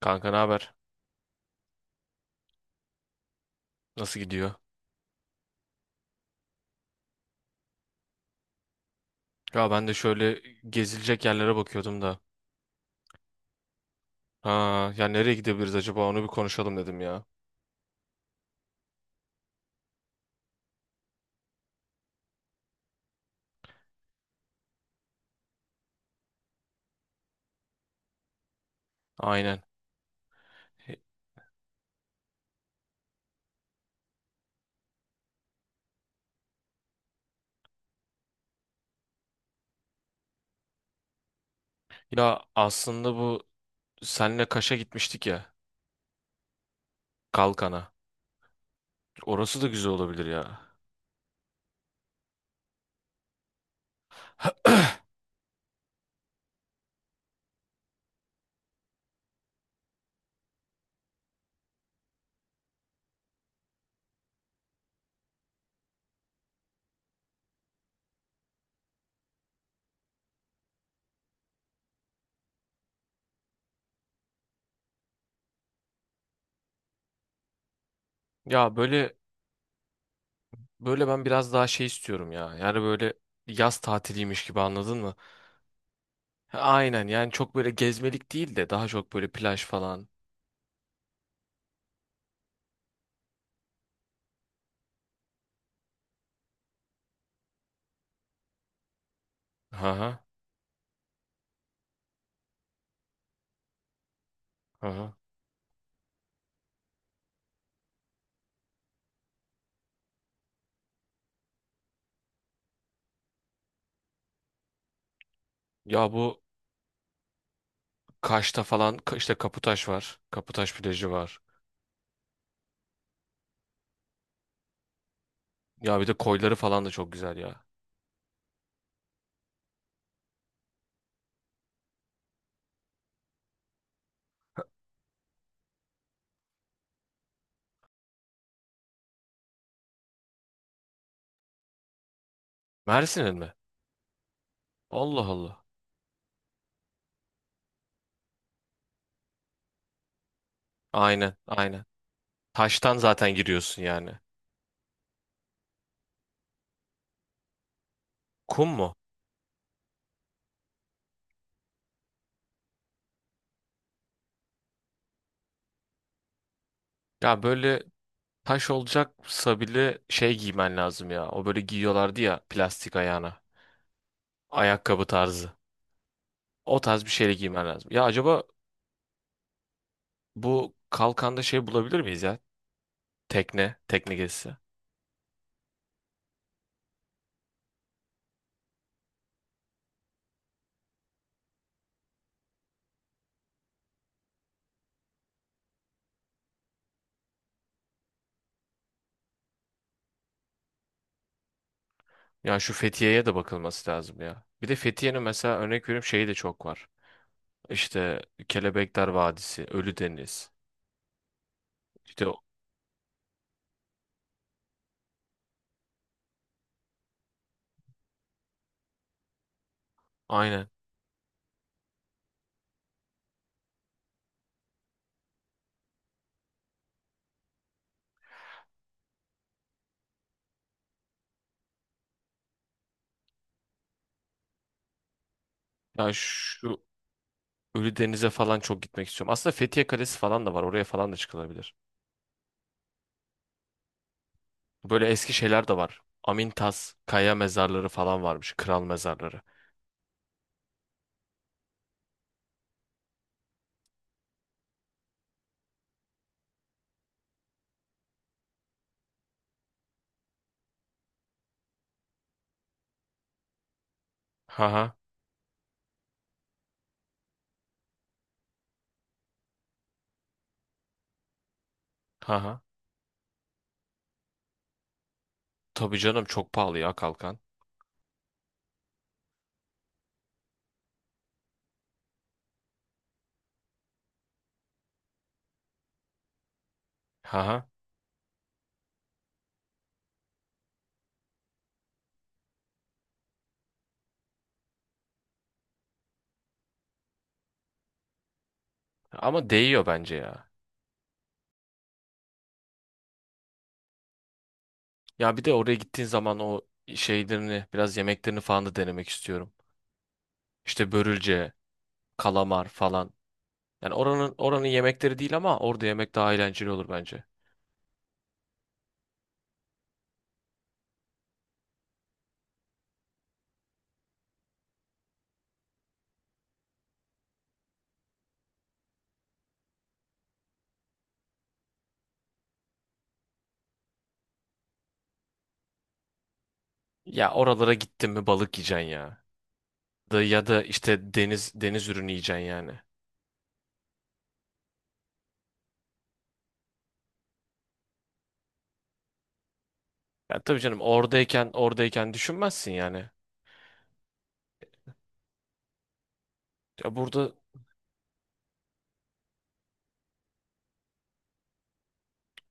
Kanka ne haber? Nasıl gidiyor? Ya ben de şöyle gezilecek yerlere bakıyordum da. Ha, ya nereye gidebiliriz acaba? Onu bir konuşalım dedim ya. Aynen. Ya aslında bu senle Kaş'a gitmiştik ya. Kalkan'a. Orası da güzel olabilir ya. Ya böyle ben biraz daha şey istiyorum ya. Yani böyle yaz tatiliymiş gibi anladın mı? Ha, aynen yani çok böyle gezmelik değil de daha çok böyle plaj falan. Hı hı. Hı hı. Ya bu Kaş'ta falan işte Kaputaş var. Kaputaş plajı var. Ya bir de koyları falan da çok güzel ya. Mersin'in mi? Allah Allah. Aynen, aynen. Taştan zaten giriyorsun yani. Kum mu? Ya böyle taş olacaksa bile şey giymen lazım ya. O böyle giyiyorlardı ya plastik ayağına. Ayakkabı tarzı. O tarz bir şeyle giymen lazım. Ya acaba bu kalkanda şey bulabilir miyiz ya? Tekne, tekne gezisi. Ya şu Fethiye'ye de bakılması lazım ya. Bir de Fethiye'nin mesela örnek veriyorum şeyi de çok var. İşte Kelebekler Vadisi, Ölüdeniz. İşte aynen. Ya şu Ölüdeniz'e falan çok gitmek istiyorum. Aslında Fethiye Kalesi falan da var. Oraya falan da çıkılabilir. Böyle eski şeyler de var. Amintas, kaya mezarları falan varmış. Kral mezarları. Haha. Haha. Tabii canım çok pahalı ya kalkan. Haha. Ama değiyor bence ya. Ya bir de oraya gittiğin zaman o şeylerini, biraz yemeklerini falan da denemek istiyorum. İşte börülce, kalamar falan. Yani oranın yemekleri değil ama orada yemek daha eğlenceli olur bence. Ya oralara gittin mi balık yiyeceksin ya. Da ya da işte deniz ürünü yiyeceksin yani. Ya tabii canım oradayken düşünmezsin yani. Ya burada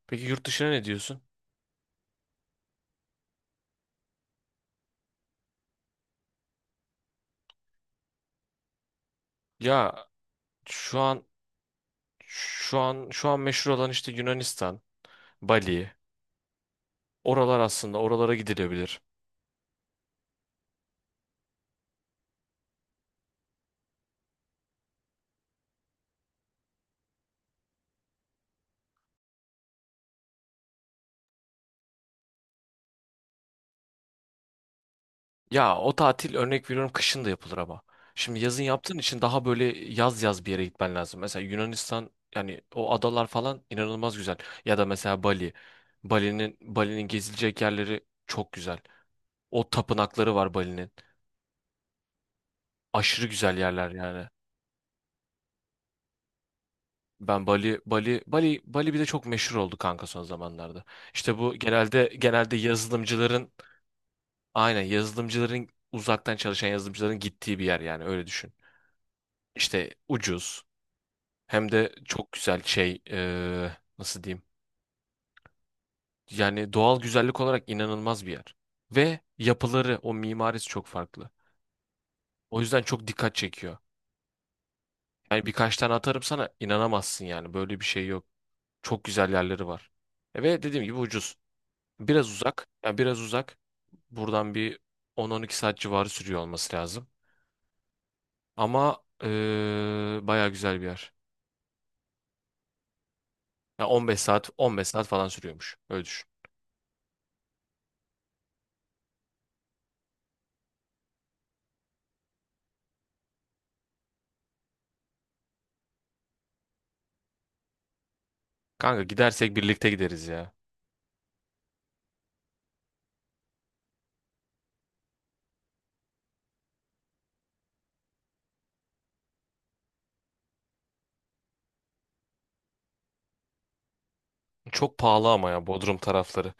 peki yurt dışına ne diyorsun? Ya şu an şu an şu an meşhur olan işte Yunanistan, Bali. Oralar aslında oralara gidilebilir. Ya o tatil örnek veriyorum kışın da yapılır ama. Şimdi yazın yaptığın için daha böyle yaz bir yere gitmen lazım. Mesela Yunanistan yani o adalar falan inanılmaz güzel. Ya da mesela Bali. Bali'nin gezilecek yerleri çok güzel. O tapınakları var Bali'nin. Aşırı güzel yerler yani. Ben Bali bir de çok meşhur oldu kanka son zamanlarda. İşte bu genelde yazılımcıların aynen yazılımcıların uzaktan çalışan yazılımcıların gittiği bir yer yani öyle düşün. İşte ucuz hem de çok güzel şey nasıl diyeyim? Yani doğal güzellik olarak inanılmaz bir yer. Ve yapıları o mimarisi çok farklı. O yüzden çok dikkat çekiyor. Yani birkaç tane atarım sana inanamazsın yani böyle bir şey yok. Çok güzel yerleri var. E ve dediğim gibi ucuz. Biraz uzak. Yani biraz uzak. Buradan bir on-on iki saat civarı sürüyor olması lazım. Ama baya güzel bir yer. Ya 15 saat falan sürüyormuş. Öyle düşün. Kanka gidersek birlikte gideriz ya. Çok pahalı ama ya Bodrum tarafları.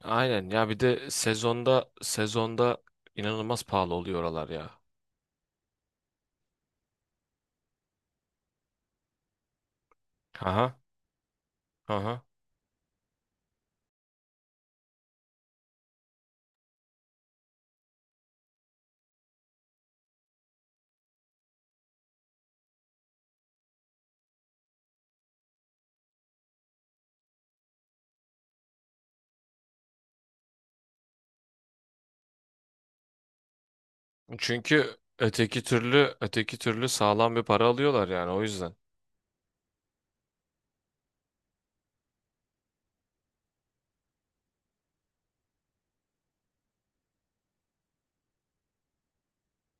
Aynen ya bir de sezonda inanılmaz pahalı oluyor oralar ya. Aha, aha. Çünkü öteki türlü sağlam bir para alıyorlar yani o yüzden.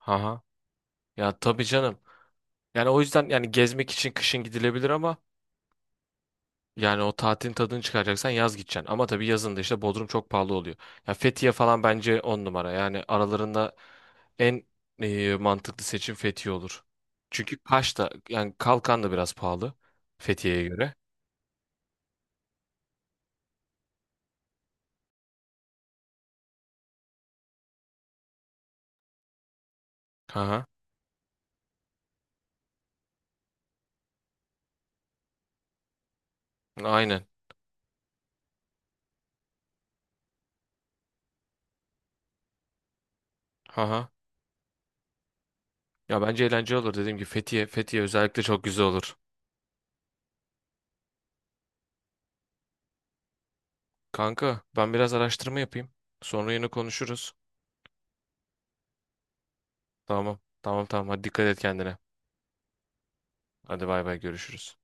Aha. Ya tabii canım. Yani o yüzden yani gezmek için kışın gidilebilir ama yani o tatilin tadını çıkaracaksan yaz gideceksin. Ama tabii yazın da işte Bodrum çok pahalı oluyor. Ya Fethiye falan bence on numara. Yani aralarında en mantıklı seçim Fethiye olur. Çünkü Kaş da yani Kalkan da biraz pahalı Fethiye'ye göre. Aha, aynen. Aha. Ya bence eğlenceli olur dediğim gibi Fethiye özellikle çok güzel olur. Kanka ben biraz araştırma yapayım. Sonra yine konuşuruz. Tamam. Tamam, hadi dikkat et kendine. Hadi bay bay görüşürüz.